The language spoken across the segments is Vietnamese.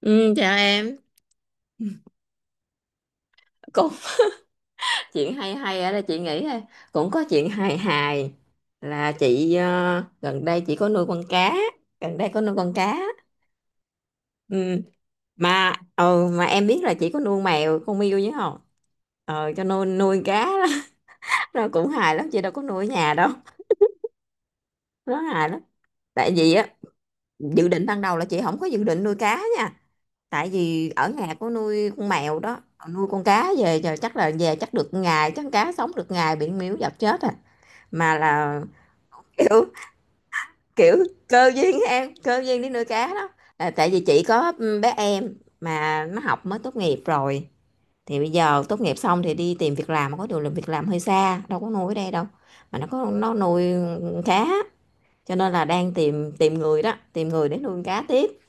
Ừ, chào em cũng chuyện hay hay ở đây chị nghĩ ha. Cũng có chuyện hài hài là chị gần đây chị có nuôi con cá. Gần đây có nuôi con cá, ừ. Mà em biết là chị có nuôi mèo con Miu chứ không, cho nuôi nuôi cá đó. Nó cũng hài lắm, chị đâu có nuôi ở nhà đâu, nó hài lắm. Tại vì á, dự định ban đầu là chị không có dự định nuôi cá nha, tại vì ở nhà có nuôi con mèo đó. Nuôi con cá về giờ chắc là về chắc được ngày, chắc cá sống được ngày bị miếu dập chết à. Mà là kiểu, kiểu cơ duyên á em, cơ duyên đi nuôi cá đó. Là tại vì chị có bé em mà nó học mới tốt nghiệp rồi, thì bây giờ tốt nghiệp xong thì đi tìm việc làm, mà có điều là việc làm hơi xa, đâu có nuôi ở đây đâu, mà nó có nó nuôi cá. Cho nên là đang tìm tìm người đó, tìm người để nuôi cá tiếp,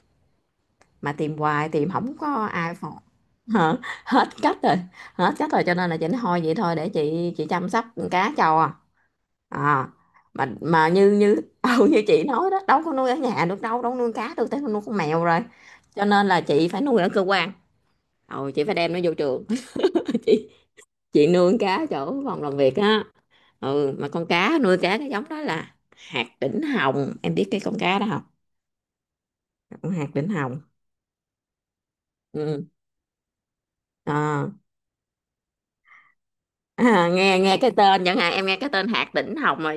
mà tìm hoài tìm không có ai phò. Hết cách rồi, hết cách rồi, cho nên là chị nói thôi vậy thôi để chị chăm sóc cá cho à. À, mà như như ừ, như chị nói đó, đâu có nuôi ở nhà được đâu, đâu có nuôi cá được tới nuôi con mèo rồi. Cho nên là chị phải nuôi ở cơ quan, ừ, chị phải đem nó vô trường. chị chị nuôi con cá chỗ phòng làm việc á, ừ. Mà con cá nuôi cá cái giống đó là hạt đỉnh hồng, em biết cái con cá đó không? Con hạt đỉnh hồng, ừ. À, à, nghe nghe cái tên, chẳng hạn em nghe cái tên hạt đỉnh hồng mà,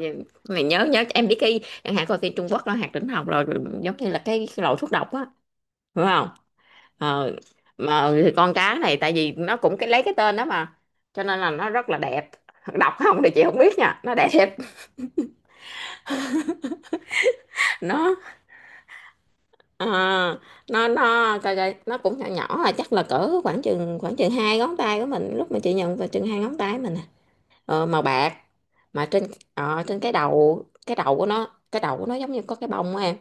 mày nhớ, nhớ em biết cái, chẳng hạn coi phim Trung Quốc đó, hạt đỉnh hồng rồi giống như là cái, loại thuốc độc á, đúng không? ờ mà thì con cá này tại vì nó cũng cái lấy cái tên đó mà, cho nên là nó rất là đẹp. Đọc không thì chị không biết nha, nó đẹp. nó ờ, nó coi coi, nó cũng nhỏ nhỏ à, chắc là cỡ khoảng chừng 2 ngón tay của mình, lúc mà chị nhận vào chừng 2 ngón tay mình à. Màu bạc, mà trên, trên cái đầu của nó cái đầu của nó giống như có cái bông á em.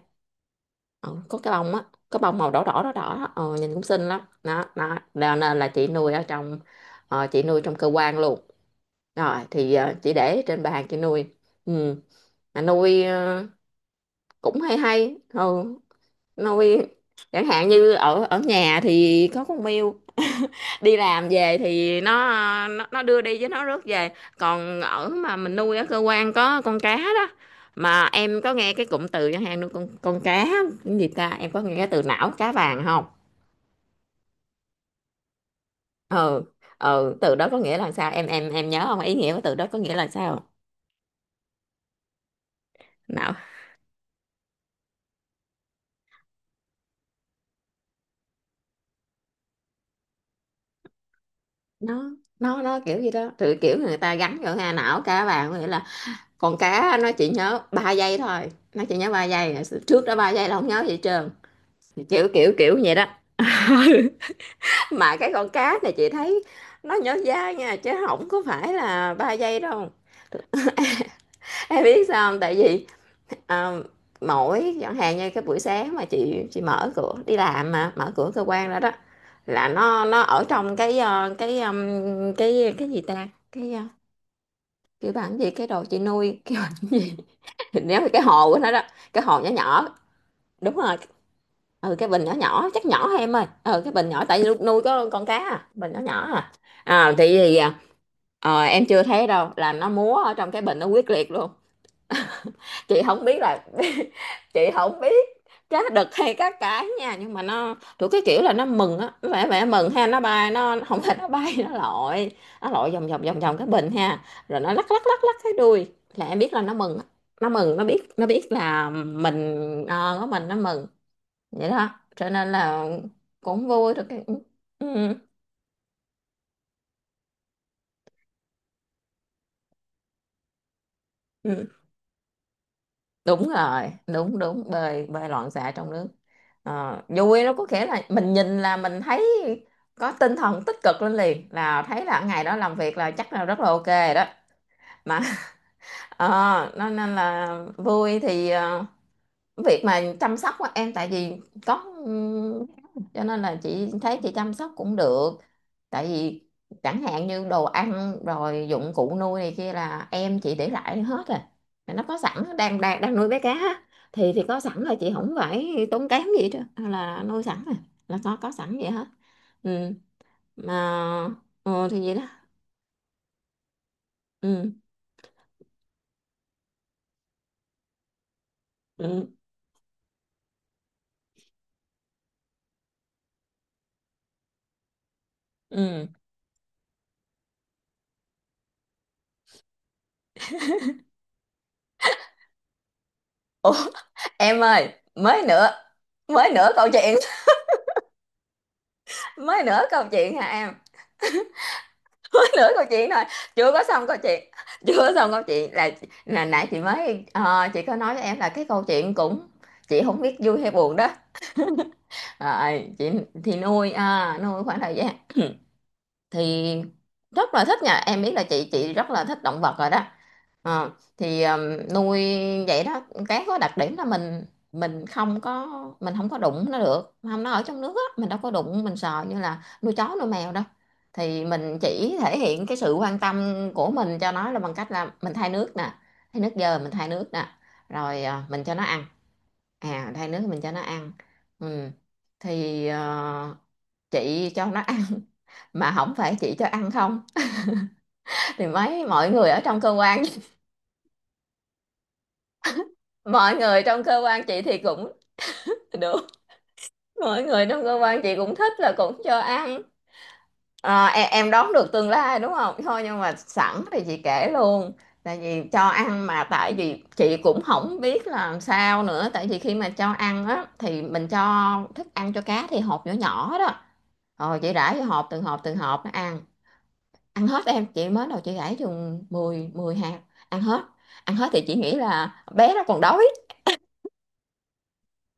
Ờ, có cái bông á, có bông màu đỏ đỏ đỏ đỏ đó. Ờ, Nhìn cũng xinh lắm đó đó. Cho nên là chị nuôi ở trong, chị nuôi trong cơ quan luôn. Rồi thì chị để trên bàn chị nuôi. Ừ. Mà nuôi cũng hay hay. Ừ. Nuôi chẳng hạn như ở ở nhà thì có con mèo, đi làm về thì nó nó đưa đi với nó rước về. Còn ở mà mình nuôi ở cơ quan có con cá đó. Mà em có nghe cái cụm từ chẳng hạn nuôi con cá cái gì ta? Em có nghe cái từ não cá vàng không? Ừ. Ừ, từ đó có nghĩa là sao? Em nhớ không? Ý nghĩa của từ đó có nghĩa là sao? nó nó kiểu gì đó, thì kiểu người ta gắn vào hà, não cá vàng có nghĩa là con cá nó chỉ nhớ 3 giây thôi, nó chỉ nhớ 3 giây, trước đó 3 giây là không nhớ gì hết trơn, kiểu kiểu kiểu vậy đó. Mà cái con cá này chị thấy nó nhớ dai nha, chứ không có phải là 3 giây đâu. Em biết sao không? Tại vì à, mỗi chẳng hạn như cái buổi sáng mà chị mở cửa đi làm, mà mở cửa cơ quan ra đó, là nó ở trong cái, cái, cái gì ta, cái, kêu bà làm gì cái đồ chị nuôi, kêu bà làm gì. Thì nếu mà cái hồ của nó đó, cái hồ nhỏ nhỏ, đúng rồi, ừ, cái bình nhỏ nhỏ chắc nhỏ em ơi, ừ cái bình nhỏ, tại vì lúc nuôi có con cá à, bình nhỏ nhỏ à. À thì, em chưa thấy đâu là nó múa ở trong cái bình, nó quyết liệt luôn. Chị không biết là, chị không biết cá đực hay cá cái nha, nhưng mà nó thuộc cái kiểu là nó mừng á, nó vẻ vẻ mừng ha, nó bay, nó không phải nó bay, nó lội, nó lội vòng vòng vòng vòng cái bình ha, rồi nó lắc lắc lắc lắc cái đuôi là em biết là nó mừng á. Nó mừng, nó biết, nó biết là mình, có mình nó mừng vậy đó, cho nên là cũng vui được cái, ừ. Ừ. Đúng rồi, đúng đúng, bơi bơi loạn xạ trong nước. Vui nó có nghĩa là mình nhìn là mình thấy có tinh thần tích cực lên liền, là thấy là ngày đó làm việc là chắc là rất là ok rồi đó. Mà nó nên là vui thì, việc mà chăm sóc á em, tại vì có, ừm, cho nên là chị thấy chị chăm sóc cũng được, tại vì chẳng hạn như đồ ăn rồi dụng cụ nuôi này kia là em chị để lại hết rồi. Mà nó có sẵn, đang đang đang nuôi bé cá á, thì có sẵn là chị không phải tốn kém gì đó, là nuôi sẵn rồi, là có sẵn vậy hết. Ừ. Mà ừ, thì vậy đó. Ừ. Ừ. Ừ. Ủa, em ơi, mới nữa, câu chuyện, mới nữa câu chuyện hả em. Nửa câu chuyện thôi, chưa có xong câu chuyện, chưa có xong câu chuyện là nãy chị mới, chị có nói với em là cái câu chuyện cũng, chị không biết vui hay buồn đó. Rồi, chị thì nuôi à, nuôi khoảng thời gian thì rất là thích nha, em biết là chị rất là thích động vật rồi đó. Ờ, thì nuôi vậy đó. Cái có đặc điểm là mình không có mình không có đụng nó được, không, nó ở trong nước á, mình đâu có đụng, mình sờ như là nuôi chó nuôi mèo đâu, thì mình chỉ thể hiện cái sự quan tâm của mình cho nó là bằng cách là mình thay nước nè, thay nước dơ mình thay nước nè, rồi, mình cho nó ăn. À, thay nước mình cho nó ăn. Ừ. Thì, chị cho nó ăn, mà không phải chị cho ăn không, thì mấy mọi người ở trong cơ quan, mọi người trong cơ quan chị thì cũng được, mọi người trong cơ quan chị cũng thích là cũng cho ăn. Em đoán được tương lai đúng không? Thôi nhưng mà sẵn thì chị kể luôn. Tại vì cho ăn mà tại vì chị cũng không biết làm sao nữa, tại vì khi mà cho ăn á thì mình cho thức ăn cho cá thì hộp nhỏ nhỏ đó, rồi chị rải vô hộp từng hộp từng hộp nó ăn. Ăn hết, em chị mới đầu chị gãi chừng 10 10 hạt. Ăn hết, ăn hết thì chị nghĩ là bé nó còn đói,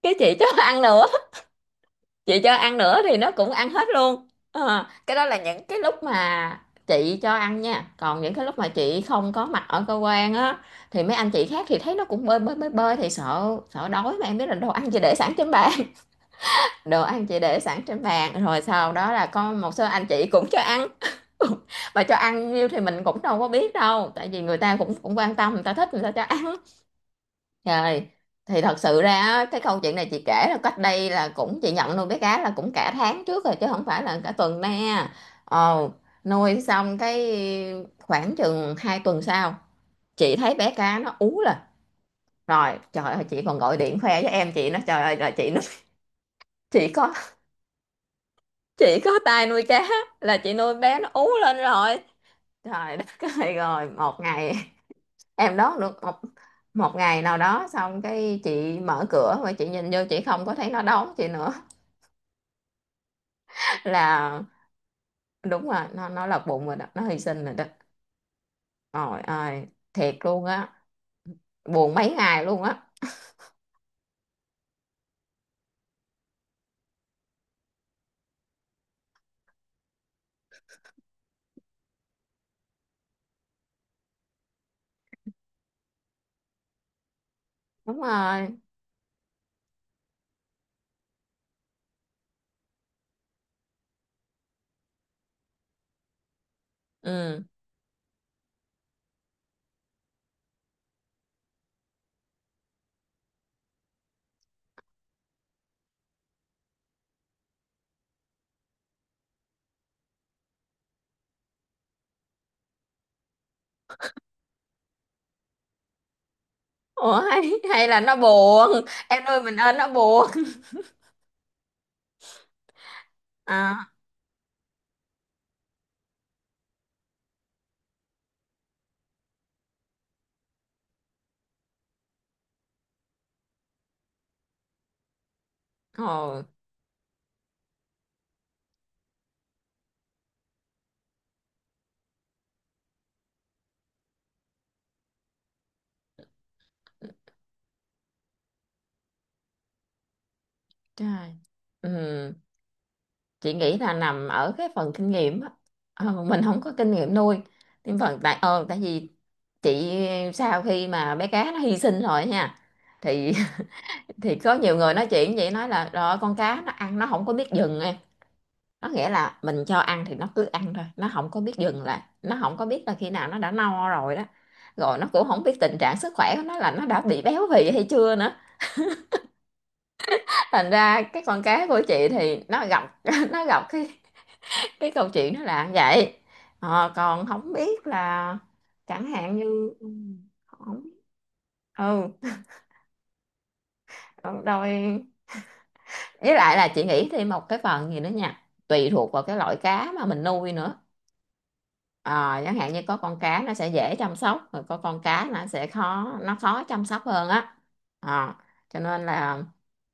cái chị cho ăn nữa, chị cho ăn nữa thì nó cũng ăn hết luôn. Cái đó là những cái lúc mà chị cho ăn nha, còn những cái lúc mà chị không có mặt ở cơ quan á, thì mấy anh chị khác thì thấy nó cũng bơi bơi bơi bơi thì sợ, sợ đói, mà em biết là đồ ăn chị để sẵn trên bàn. Đồ ăn chị để sẵn trên bàn, rồi sau đó là có một số anh chị cũng cho ăn. Bà cho ăn nhiêu thì mình cũng đâu có biết đâu, tại vì người ta cũng cũng quan tâm, người ta thích người ta cho ăn. Trời, thì thật sự ra á, cái câu chuyện này chị kể là cách đây là cũng, chị nhận nuôi bé cá là cũng cả tháng trước rồi chứ không phải là cả tuần nè. Ồ, nuôi xong cái khoảng chừng 2 tuần sau chị thấy bé cá nó ú lên rồi, trời ơi, chị còn gọi điện khoe với em chị nó, trời ơi là chị nó, chị có chị có tay nuôi cá, là chị nuôi bé nó ú lên rồi. Trời đất ơi, rồi một ngày em đón được, một một ngày nào đó, xong cái chị mở cửa mà chị nhìn vô chị không có thấy nó đón chị nữa. Là đúng rồi, nó lật bụng rồi đó, nó hy sinh rồi đó. Trời ơi, thiệt luôn á, buồn mấy ngày luôn á. Đúng rồi. Ừ. Ủa hay, hay là nó buồn em nuôi mình ơn nó buồn. À. Ồ. Trời. Ừ, chị nghĩ là nằm ở cái phần kinh nghiệm á. Ờ, mình không có kinh nghiệm nuôi, nhưng phần tại tại vì chị sau khi mà bé cá nó hy sinh rồi nha, thì thì có nhiều người nói chuyện vậy, nói là rồi con cá nó ăn nó không có biết dừng em. Nó nghĩa là mình cho ăn thì nó cứ ăn thôi, nó không có biết dừng, là nó không có biết là khi nào nó đã no rồi đó. Rồi nó cũng không biết tình trạng sức khỏe của nó là nó đã bị béo phì hay chưa nữa. Thành ra cái con cá của chị thì nó gặp nó gặp cái câu chuyện nó là vậy. Ờ, còn không biết là chẳng hạn như không biết, ừ. Rồi với lại là chị nghĩ thêm một cái phần gì nữa nha, tùy thuộc vào cái loại cá mà mình nuôi nữa. Ờ, chẳng hạn như có con cá nó sẽ dễ chăm sóc, rồi có con cá nó sẽ khó, nó khó chăm sóc hơn á. Ờ, cho nên là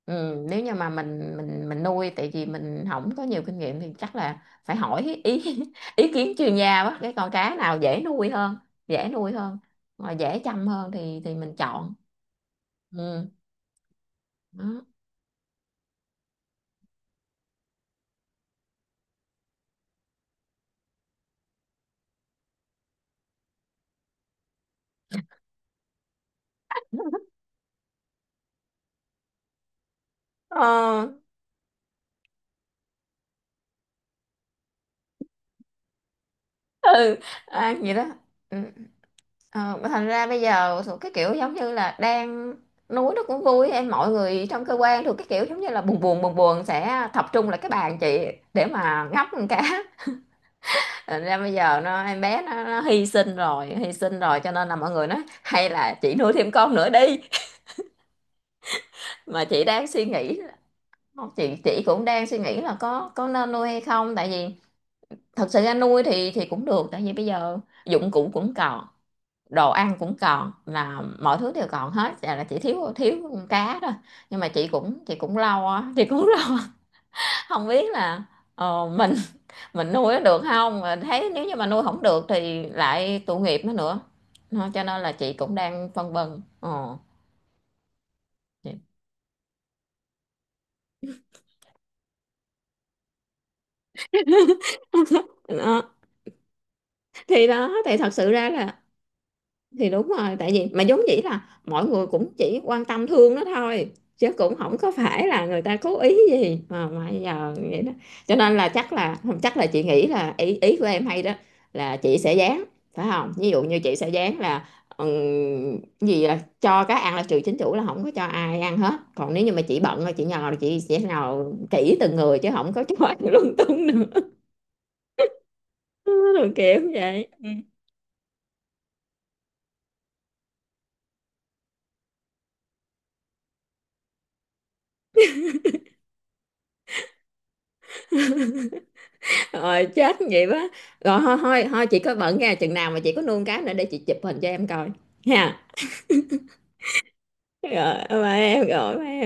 ừ, nếu như mà mình nuôi tại vì mình không có nhiều kinh nghiệm thì chắc là phải hỏi ý ý kiến chuyên gia quá, cái con cá nào dễ nuôi hơn, dễ nuôi hơn mà dễ chăm hơn thì mình chọn. Ừ. Đó. Ờ, ừ, à, vậy đó. Ừ. Ờ, mà thành ra bây giờ cái kiểu giống như là đang núi nó cũng vui em, mọi người trong cơ quan thuộc cái kiểu giống như là buồn buồn buồn buồn sẽ tập trung lại cái bàn chị để mà ngắp con cá. Thành ra bây giờ nó em bé nó hy sinh rồi, hy sinh rồi, cho nên là mọi người nói hay là chị nuôi thêm con nữa đi, mà chị đang suy nghĩ là- Không, chị cũng đang suy nghĩ là có nên nuôi hay không, tại vì thật sự ra nuôi thì cũng được, tại vì bây giờ dụng cụ cũng còn, đồ ăn cũng còn, là mọi thứ đều còn hết, dạ là chỉ thiếu thiếu con cá thôi. Nhưng mà chị cũng cũng lo á, chị cũng lo không biết là ờ, mình nuôi nó được không. Mà thấy nếu như mà nuôi không được thì lại tội nghiệp nó nữa. Nó- cho nên là chị cũng đang phân vân, ờ chị- đó. Thì đó thì thật sự ra là thì đúng rồi, tại vì mà giống vậy là mọi người cũng chỉ quan tâm thương nó thôi, chứ cũng không có phải là người ta cố ý gì mà giờ vậy đó. Cho nên là chắc là không, chắc là chị nghĩ là ý ý của em hay đó, là chị sẽ dán, phải không, ví dụ như chị sẽ dán là gì là cho cá ăn là trừ chính chủ là không có cho ai ăn hết, còn nếu như mà chị bận rồi chị nhờ là chị sẽ nhờ kỹ từng người chứ không có cho ai lung tung nữa. Rồi kiểu vậy. Rồi chết vậy quá. Rồi thôi thôi thôi chị có bận nha, chừng nào mà chị có nuông cá nữa để chị chụp hình cho em coi. Nha. Rồi bye em, rồi bye em.